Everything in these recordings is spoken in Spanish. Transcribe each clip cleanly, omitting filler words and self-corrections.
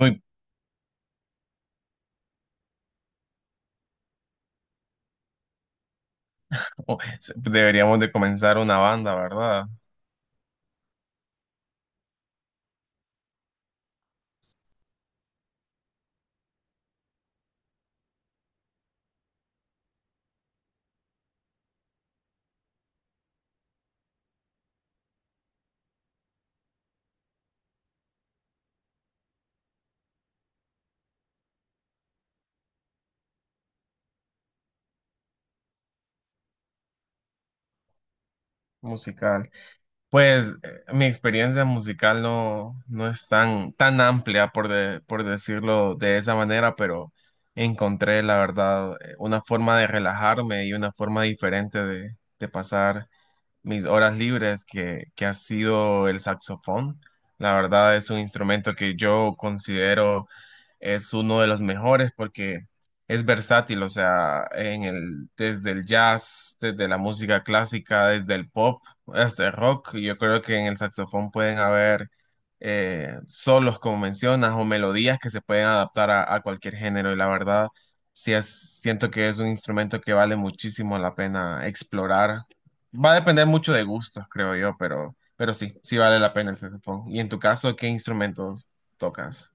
Uy, deberíamos de comenzar una banda, ¿verdad? Musical. Pues mi experiencia musical no es tan amplia, por decirlo de esa manera, pero encontré, la verdad, una forma de relajarme y una forma diferente de, pasar mis horas libres que ha sido el saxofón. La verdad es un instrumento que yo considero es uno de los mejores porque es versátil, o sea, desde el jazz, desde la música clásica, desde el pop, hasta el rock. Yo creo que en el saxofón pueden haber solos, como mencionas, o melodías que se pueden adaptar a cualquier género. Y la verdad, sí es, siento que es un instrumento que vale muchísimo la pena explorar. Va a depender mucho de gustos, creo yo, pero sí, sí vale la pena el saxofón. Y en tu caso, ¿qué instrumentos tocas?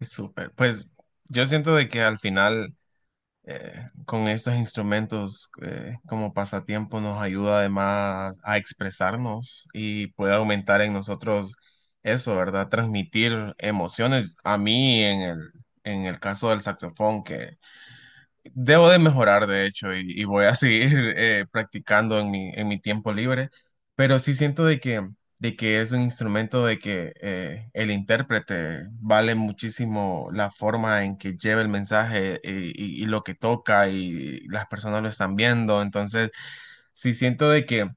Súper. Pues yo siento de que al final con estos instrumentos como pasatiempo nos ayuda además a expresarnos y puede aumentar en nosotros eso, ¿verdad? Transmitir emociones. A mí en el caso del saxofón, que debo de mejorar, de hecho, y voy a seguir practicando en en mi tiempo libre, pero sí siento de que es un instrumento de que el intérprete vale muchísimo la forma en que lleva el mensaje y lo que toca y las personas lo están viendo, entonces sí siento de que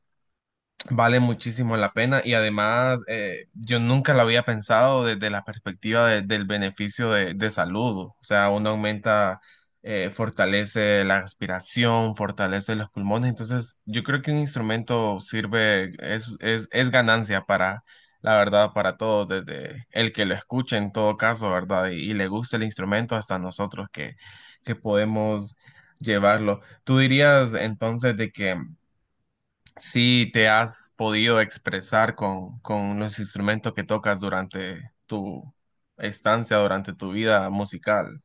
vale muchísimo la pena y además yo nunca lo había pensado desde la perspectiva del beneficio de, salud. O sea, uno aumenta, fortalece la respiración, fortalece los pulmones. Entonces, yo creo que un instrumento sirve, es ganancia para, la verdad, para todos, desde el que lo escuche en todo caso, ¿verdad? Y le gusta el instrumento hasta nosotros que podemos llevarlo. ¿Tú dirías entonces de que si te has podido expresar con, los instrumentos que tocas durante tu estancia, durante tu vida musical?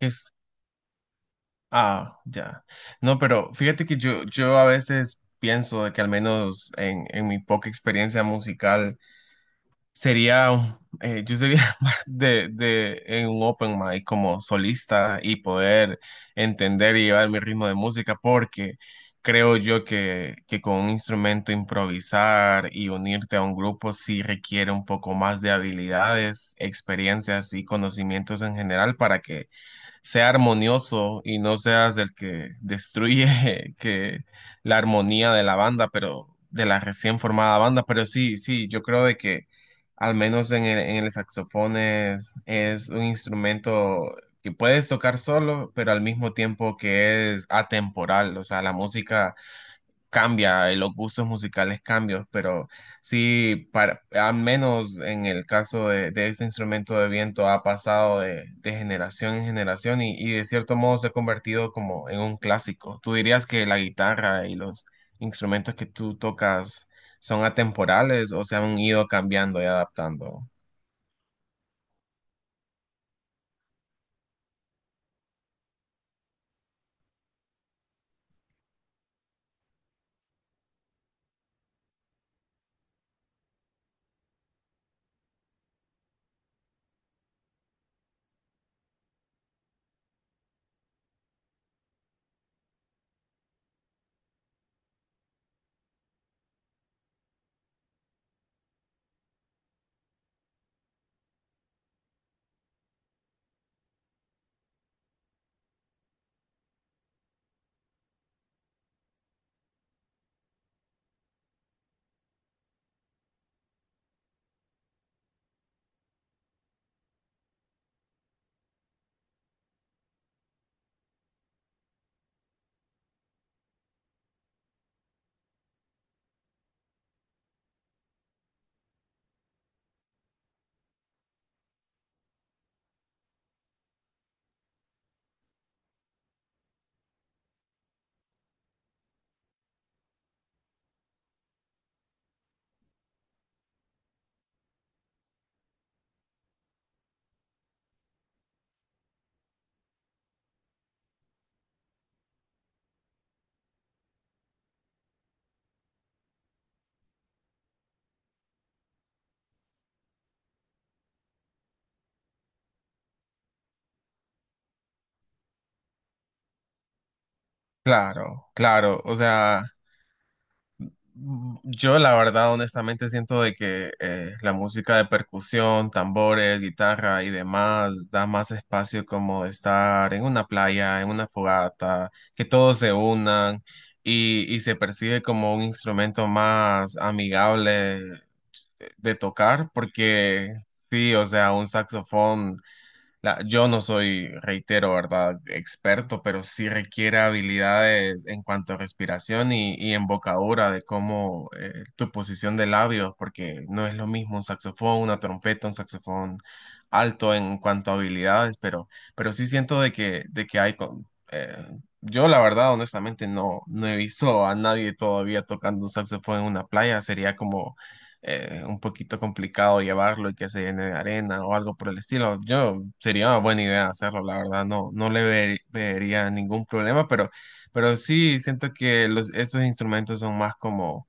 Es, ah, ya. No, pero fíjate que yo a veces pienso de que al menos en mi poca experiencia musical, yo sería más de, en un open mic como solista y poder entender y llevar mi ritmo de música porque creo yo que con un instrumento improvisar y unirte a un grupo sí requiere un poco más de habilidades, experiencias y conocimientos en general para que sea armonioso y no seas el que destruye que la armonía de la banda, pero de la recién formada banda, pero sí, sí, yo creo de que al menos en el saxofón es un instrumento que puedes tocar solo, pero al mismo tiempo que es atemporal, o sea, la música cambia, los gustos musicales cambian, pero sí, para, al menos en el caso de, este instrumento de viento ha pasado de, generación en generación y de cierto modo se ha convertido como en un clásico. ¿Tú dirías que la guitarra y los instrumentos que tú tocas son atemporales o se han ido cambiando y adaptando? Claro, claro, o sea... Mm, yo la verdad, honestamente, siento de que la música de percusión, tambores, guitarra y demás da más espacio como de estar en una playa, en una fogata, que todos se unan y se percibe como un instrumento más amigable de tocar, porque sí, o sea, un saxofón. Yo no soy, reitero, ¿verdad? Experto, pero sí requiere habilidades en cuanto a respiración y embocadura de cómo tu posición de labios, porque no es lo mismo un saxofón, una trompeta, un saxofón alto en cuanto a habilidades, pero sí siento de que hay... eh, yo la verdad, honestamente, no he visto a nadie todavía tocando un saxofón en una playa, sería como un poquito complicado llevarlo y que se llene de arena o algo por el estilo. Yo sería una buena idea hacerlo, la verdad, no, vería ningún problema, pero sí siento que los, estos instrumentos son más como,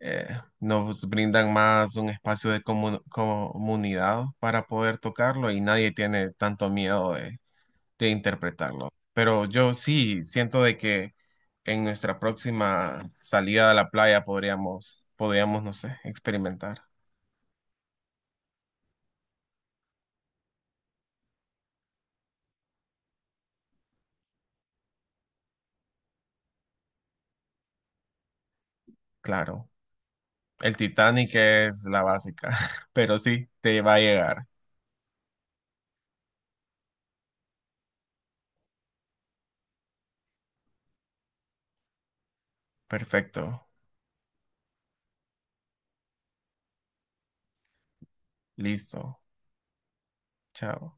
eh, nos brindan más un espacio de comunidad para poder tocarlo y nadie tiene tanto miedo de, interpretarlo. Pero yo sí siento de que en nuestra próxima salida a la playa podríamos, no sé, experimentar. Claro, el Titanic es la básica, pero sí, te va a llegar. Perfecto, listo, chao.